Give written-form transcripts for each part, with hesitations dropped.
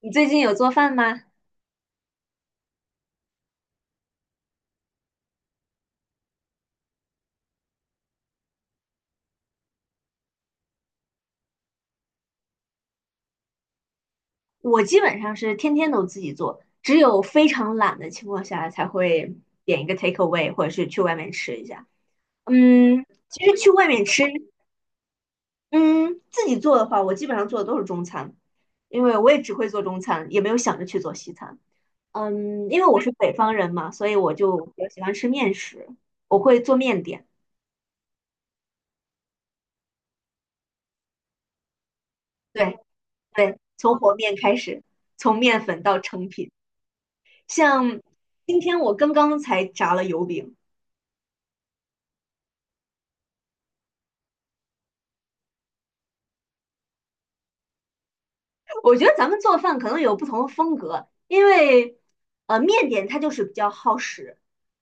你最近有做饭吗？我基本上是天天都自己做，只有非常懒的情况下才会点一个 take away，或者是去外面吃一下。嗯，其实去外面吃，嗯，自己做的话，我基本上做的都是中餐，因为我也只会做中餐，也没有想着去做西餐。嗯，因为我是北方人嘛，所以我就比较喜欢吃面食，我会做面点。对对，从和面开始，从面粉到成品。像今天我刚刚才炸了油饼。我觉得咱们做饭可能有不同的风格，因为面点它就是比较耗时，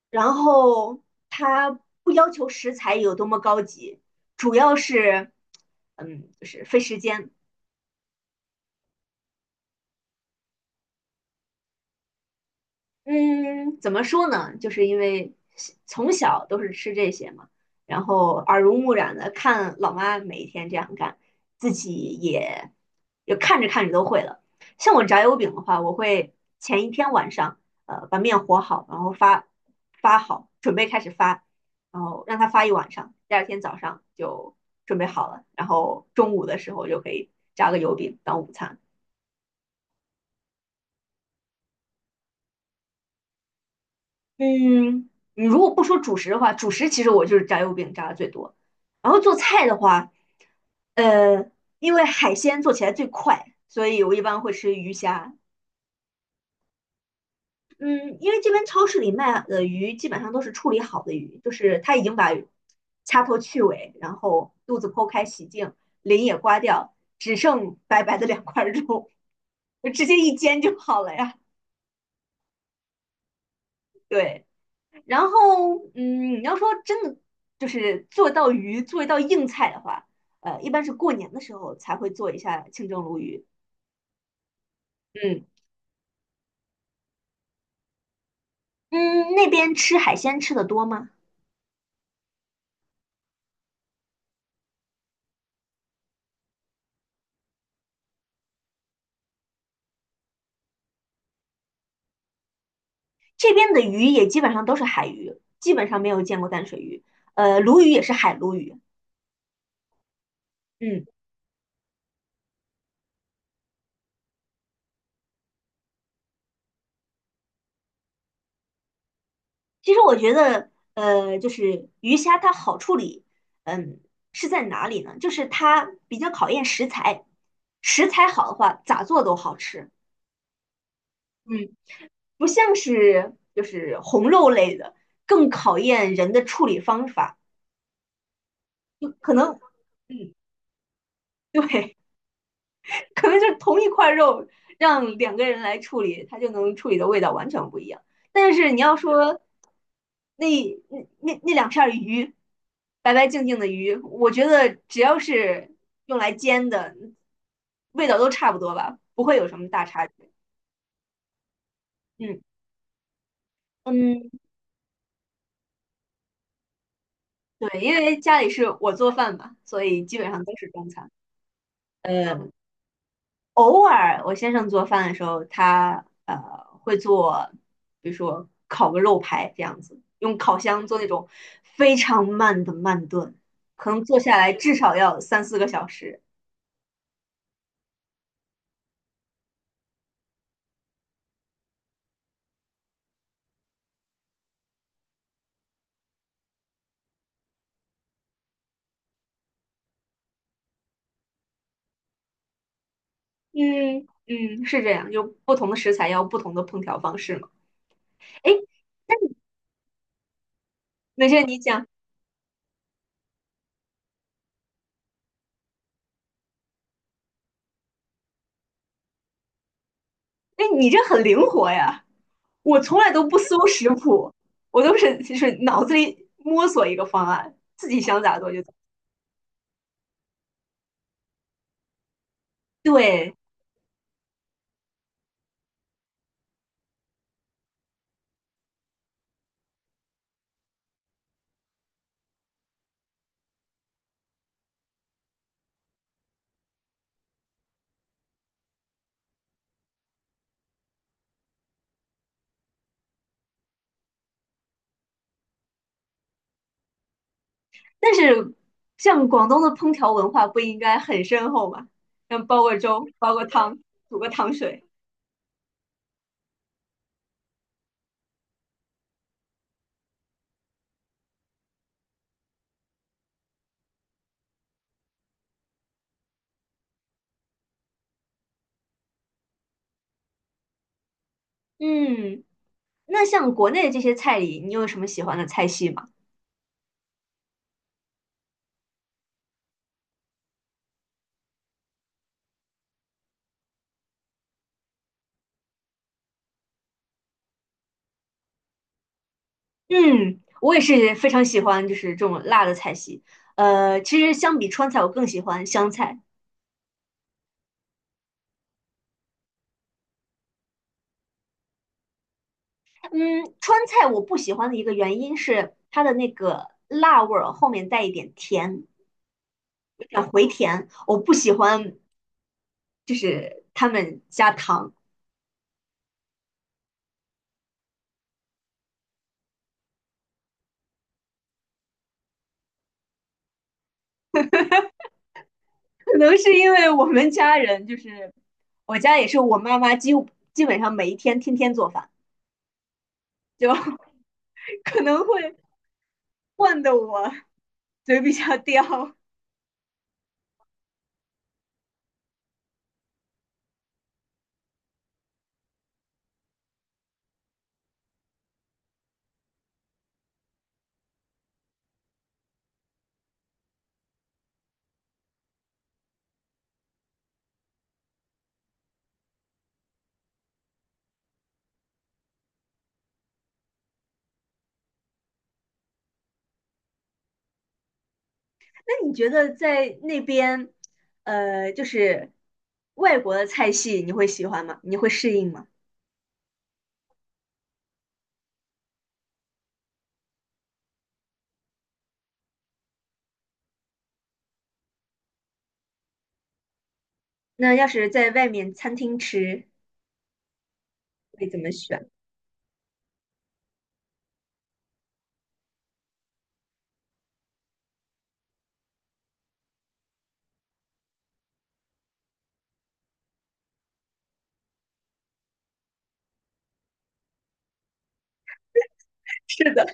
然后它不要求食材有多么高级，主要是就是费时间。嗯，怎么说呢？就是因为从小都是吃这些嘛，然后耳濡目染的看老妈每一天这样干，自己也看着看着都会了。像我炸油饼的话，我会前一天晚上，把面和好，然后发好，准备开始发，然后让它发一晚上，第二天早上就准备好了，然后中午的时候就可以炸个油饼当午餐。嗯，你如果不说主食的话，主食其实我就是炸油饼炸的最多。然后做菜的话，呃，因为海鲜做起来最快，所以我一般会吃鱼虾。嗯，因为这边超市里卖的鱼基本上都是处理好的鱼，就是他已经把掐头去尾，然后肚子剖开洗净，鳞也刮掉，只剩白白的两块肉，直接一煎就好了呀。对。然后，嗯，你要说真的，就是做一道鱼，做一道硬菜的话，一般是过年的时候才会做一下清蒸鲈鱼。嗯嗯，那边吃海鲜吃的多吗？这边的鱼也基本上都是海鱼，基本上没有见过淡水鱼。呃，鲈鱼也是海鲈鱼。嗯，其实我觉得，就是鱼虾它好处理，嗯，是在哪里呢？就是它比较考验食材，食材好的话，咋做都好吃。嗯。不像是就是红肉类的，更考验人的处理方法。就可能，嗯，对，可能就是同一块肉，让两个人来处理，它就能处理的味道完全不一样。但是你要说那那两片鱼，白白净净的鱼，我觉得只要是用来煎的，味道都差不多吧，不会有什么大差别。嗯嗯，对，因为家里是我做饭嘛，所以基本上都是中餐。呃。偶尔我先生做饭的时候，他会做，比如说烤个肉排这样子，用烤箱做那种非常慢的慢炖，可能做下来至少要三四个小时。嗯嗯，是这样，就不同的食材要不同的烹调方式嘛。哎，那现在你讲，哎，你这很灵活呀！我从来都不搜食谱，我都是就是脑子里摸索一个方案，自己想咋做就咋做。对，但是像广东的烹调文化不应该很深厚吗？像煲个粥，煲个汤，煮个糖水。嗯，那像国内的这些菜里，你有什么喜欢的菜系吗？嗯，我也是非常喜欢，就是这种辣的菜系。其实相比川菜，我更喜欢湘菜。嗯，川菜我不喜欢的一个原因是它的那个辣味儿后面带一点甜，我不喜欢他们加糖。可能是因为我们家人就是我家也是我妈妈几乎基本上每一天天天做饭，就 可能会换得我嘴比较刁。那你觉得在那边，就是外国的菜系你会喜欢吗？你会适应吗？那要是在外面餐厅吃，会怎么选？是的，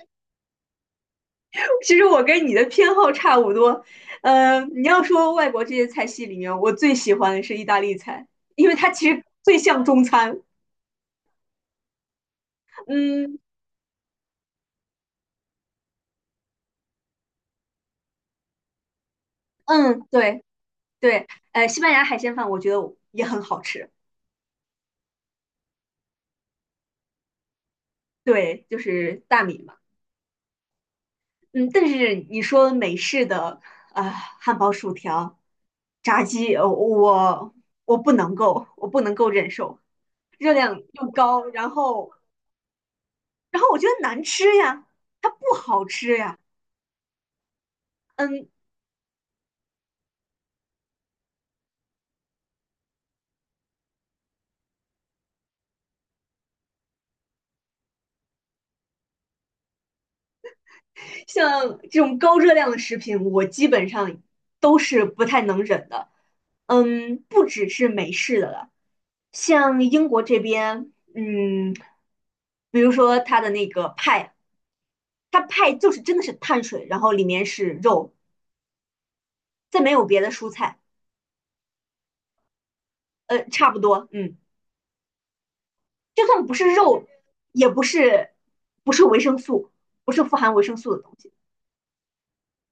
其实我跟你的偏好差不多，你要说外国这些菜系里面，我最喜欢的是意大利菜，因为它其实最像中餐。嗯嗯，对对，西班牙海鲜饭我觉得也很好吃，对，就是大米嘛。嗯，但是你说美式的啊、汉堡、薯条、炸鸡，我不能够，我不能够忍受，热量又高，然后然后我觉得难吃呀，它不好吃呀。嗯，像这种高热量的食品，我基本上都是不太能忍的。嗯，不只是美式的了，像英国这边，嗯，比如说它的那个派，它派就是真的是碳水，然后里面是肉，再没有别的蔬菜，呃，差不多，嗯，就算不是肉，也不是维生素，不是富含维生素的东西。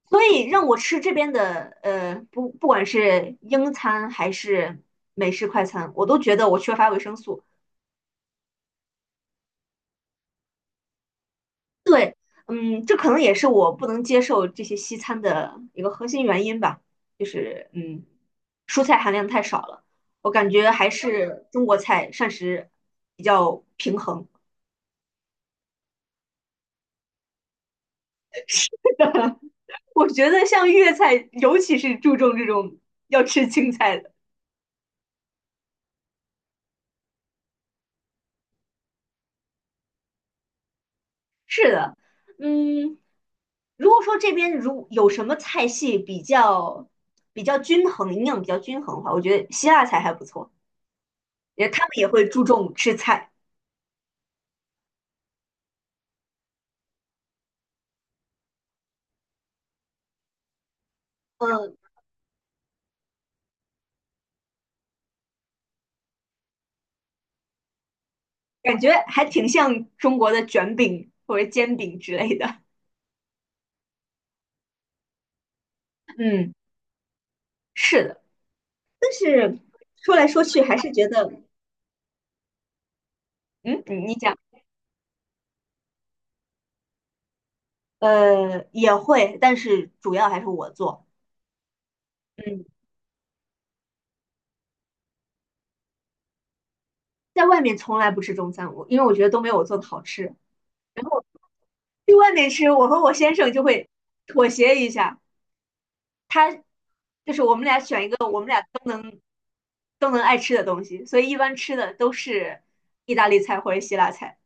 所以让我吃这边的，呃，不，不管是英餐还是美式快餐，我都觉得我缺乏维生素。嗯，这可能也是我不能接受这些西餐的一个核心原因吧，就是嗯，蔬菜含量太少了。我感觉还是中国菜膳食比较平衡。我觉得像粤菜，尤其是注重这种要吃青菜的。是的，嗯，如果说这边如有什么菜系比较均衡，营养比较均衡的话，我觉得希腊菜还不错，也他们也会注重吃菜，嗯，感觉还挺像中国的卷饼或者煎饼之类的，嗯，是的，但是说来说去还是觉得，嗯，你你讲，也会，但是主要还是我做，嗯，在外面从来不吃中餐，我因为我觉得都没有我做的好吃。去外面吃，我和我先生就会妥协一下，他就是我们俩都能爱吃的东西，所以一般吃的都是意大利菜或者希腊菜，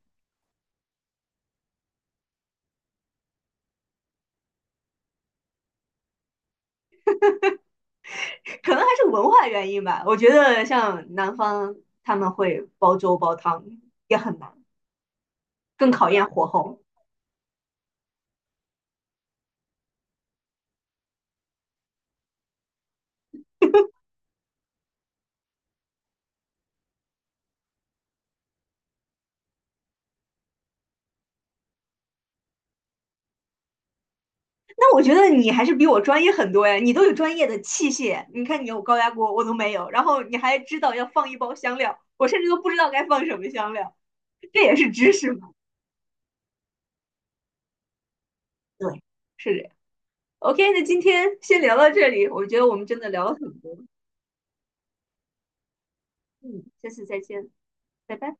可能还是文化原因吧。我觉得像南方他们会煲粥煲汤也很难，更考验火候。那我觉得你还是比我专业很多呀，你都有专业的器械，你看你有高压锅，我都没有，然后你还知道要放一包香料，我甚至都不知道该放什么香料，这也是知识嘛？对，是这样。OK，那今天先聊到这里，我觉得我们真的聊了很多，嗯，下次再见，拜拜。